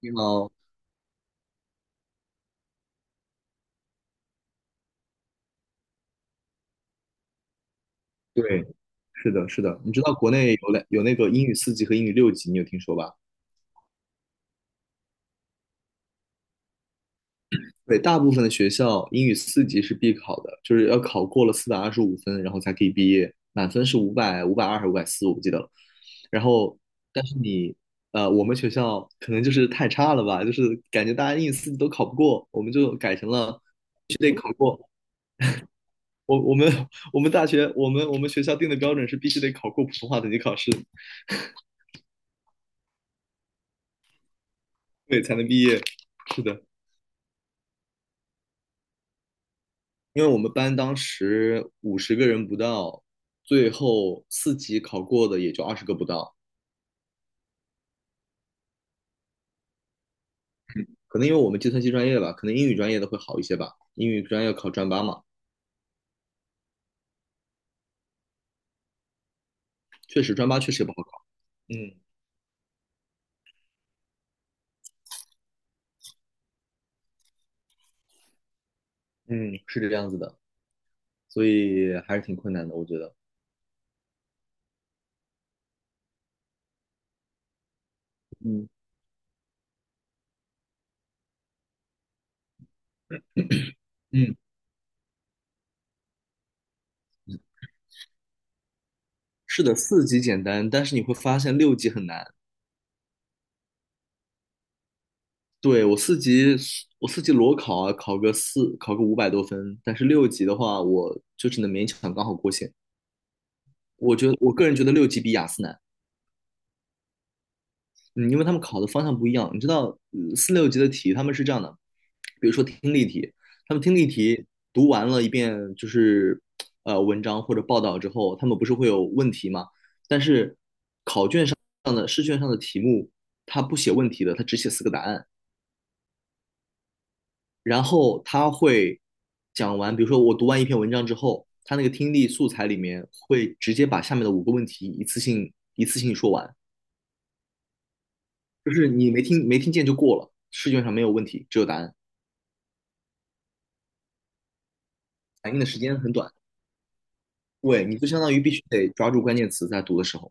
你好，对，是的，是的，你知道国内有那个英语四级和英语六级，你有听说吧？对，大部分的学校英语四级是必考的，就是要考过了425分，然后才可以毕业，满分是五百、520还是540，我不记得了。然后，但是你，我们学校可能就是太差了吧，就是感觉大家英语四级都考不过，我们就改成了必须得考过。我们 我们学校定的标准是必须得考过普通话等级考试，对，才能毕业。是的。因为我们班当时50个人不到，最后四级考过的也就20个不到。可能因为我们计算机专业吧，可能英语专业的会好一些吧。英语专业考专八嘛，确实专八确实也不好考。嗯嗯，是这样子的，所以还是挺困难的，我觉得。嗯嗯，是的，四级简单，但是你会发现六级很难。对，我四级裸考啊，考个500多分，但是六级的话，我就只能勉强刚好过线。我个人觉得六级比雅思难。嗯，因为他们考的方向不一样。你知道，四六级的题他们是这样的，比如说听力题，他们听力题读完了一遍就是文章或者报道之后，他们不是会有问题吗？但是这样的试卷上的题目，他不写问题的，他只写四个答案。然后他会讲完，比如说我读完一篇文章之后，他那个听力素材里面会直接把下面的五个问题一次性说完，就是你没听见就过了，试卷上没有问题，只有答案。反应的时间很短。对，你就相当于必须得抓住关键词在读的时候。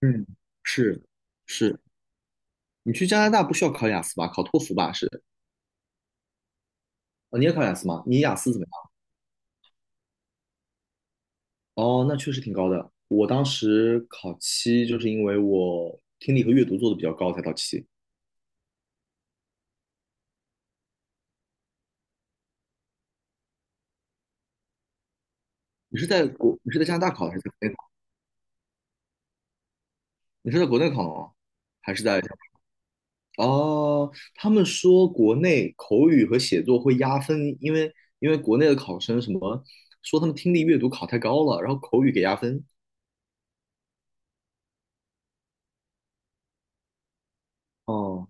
嗯，是是，你去加拿大不需要考雅思吧？考托福吧？是哦，你也考雅思吗？你雅思怎么样？哦，那确实挺高的。我当时考七，就是因为我听力和阅读做的比较高才到七。你是在加拿大考的还是在国内考？你是在国内考的吗？还是在？哦，他们说国内口语和写作会压分，因为国内的考生什么说他们听力阅读考太高了，然后口语给压分。哦，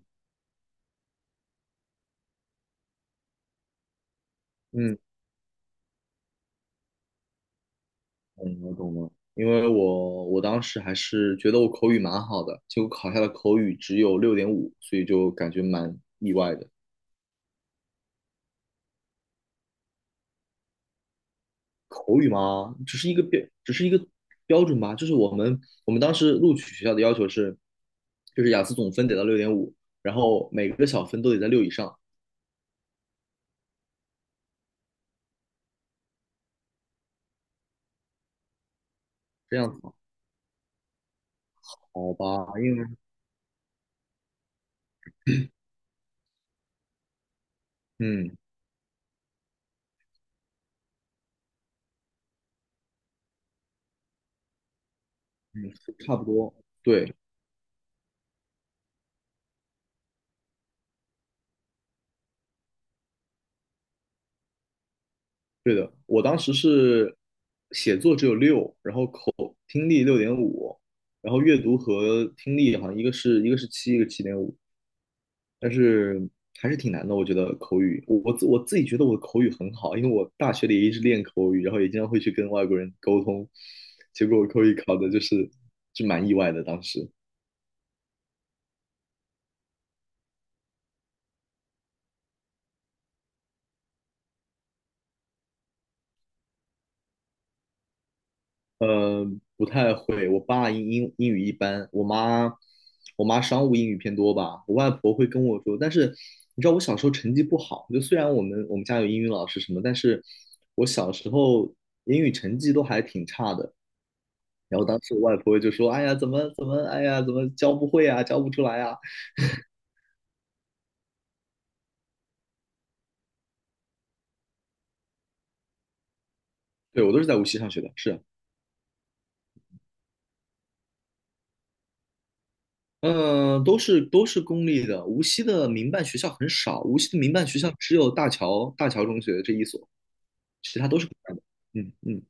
嗯，懂了懂了。因为我当时还是觉得我口语蛮好的，结果考下的口语只有六点五，所以就感觉蛮意外的。口语嘛，只是一个标准吧。就是我们当时录取学校的要求是，就是雅思总分得到六点五，然后每个小分都得在六以上。这样子。好吧，因为嗯嗯，差不多，对对的。我当时是写作只有六，然后听力六点五，然后阅读和听力好像一个是七，一个7.5，但是还是挺难的。我觉得口语，我自己觉得我的口语很好，因为我大学里一直练口语，然后也经常会去跟外国人沟通，结果我口语考的就是蛮意外的当时。呃，不太会。我爸英语一般，我妈商务英语偏多吧。我外婆会跟我说，但是你知道我小时候成绩不好，就虽然我们家有英语老师什么，但是我小时候英语成绩都还挺差的。然后当时我外婆就说：“哎呀，怎么怎么，哎呀，怎么教不会啊，教不出来啊。”对，我都是在无锡上学的，是。嗯，都是公立的，无锡的民办学校很少，无锡的民办学校只有大桥中学这一所。其他都是国外的。嗯嗯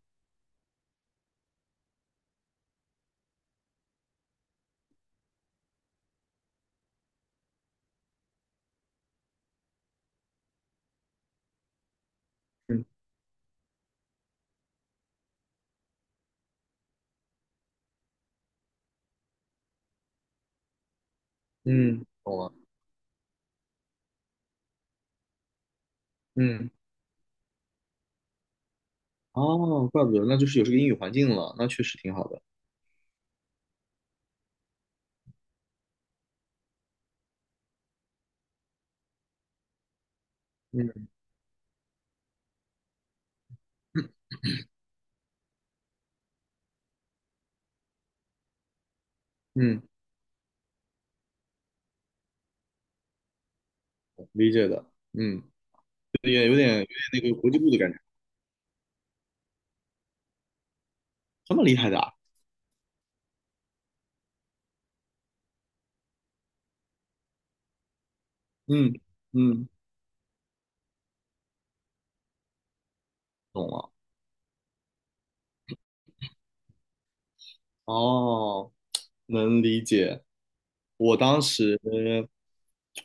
嗯嗯，懂了。嗯，哦，怪不得，那就是有这个英语环境了，那确实挺好的。嗯嗯，理解的。嗯，也有点那个国际部的感觉，这么厉害的啊。嗯嗯，懂了。哦，能理解。我当时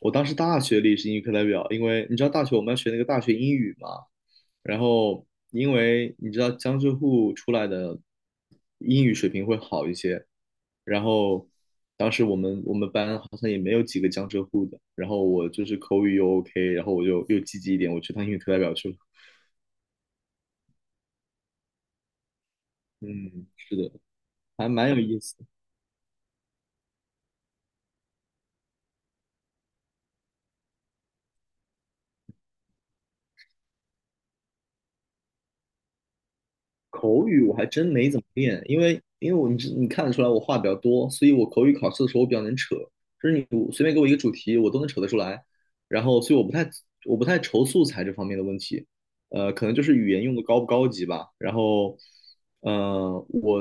我当时大学里是英语课代表，因为你知道大学我们要学那个大学英语嘛，然后因为你知道江浙沪出来的英语水平会好一些，然后当时我们班好像也没有几个江浙沪的，然后我就是口语又 OK，然后我就又积极一点，我去当英语课代表去了。嗯，是的，还蛮有意思的。口语我还真没怎么练，因为我你看得出来我话比较多，所以我口语考试的时候我比较能扯，就是我随便给我一个主题，我都能扯得出来。然后，所以我不太愁素材这方面的问题，可能就是语言用的高不高级吧。然后，我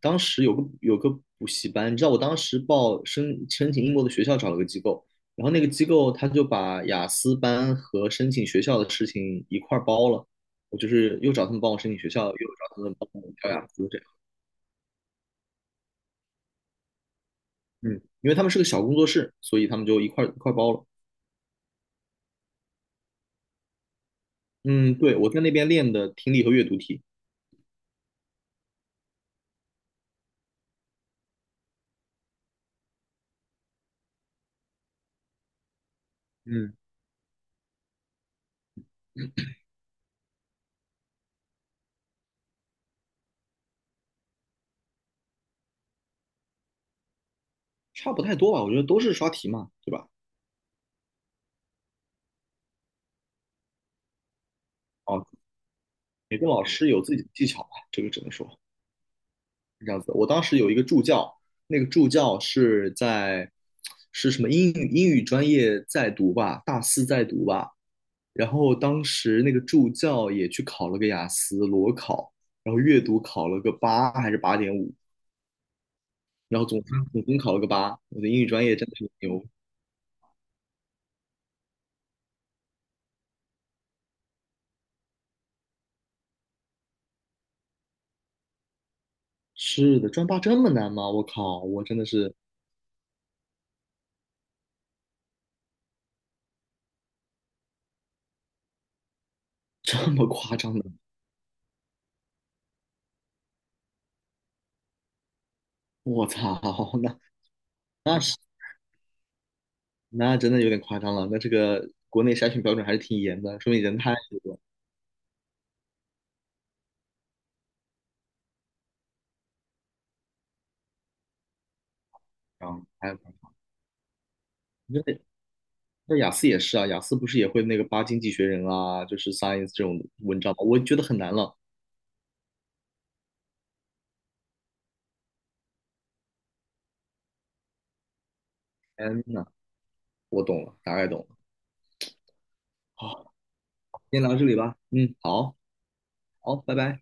当时有个补习班，你知道我当时报申请英国的学校找了个机构，然后那个机构他就把雅思班和申请学校的事情一块儿包了。我就是又找他们帮我申请学校，又找他们帮我调雅思这样。嗯，因为他们是个小工作室，所以他们就一块一块包了。嗯，对，我在那边练的听力和阅读题，嗯，差不太多吧，我觉得都是刷题嘛，对吧？哦，每个老师有自己的技巧吧，这个只能说是这样子。我当时有一个助教，那个助教是什么英语专业在读吧，大四在读吧，然后当时那个助教也去考了个雅思裸考，然后阅读考了个八还是8.5，然后总分考了个八。我的英语专业真的是牛。是的，专八这么难吗？我靠，我真的是 这么夸张的，我操，那那是那真的有点夸张了。那这个国内筛选标准还是挺严的，说明人太夸张了。那那雅思也是啊，雅思不是也会那个八经济学人啊，就是 Science 这种文章吗？我觉得很难了。天呐，我懂了，大概懂了。好，先聊到这里吧。嗯，好，好，拜拜。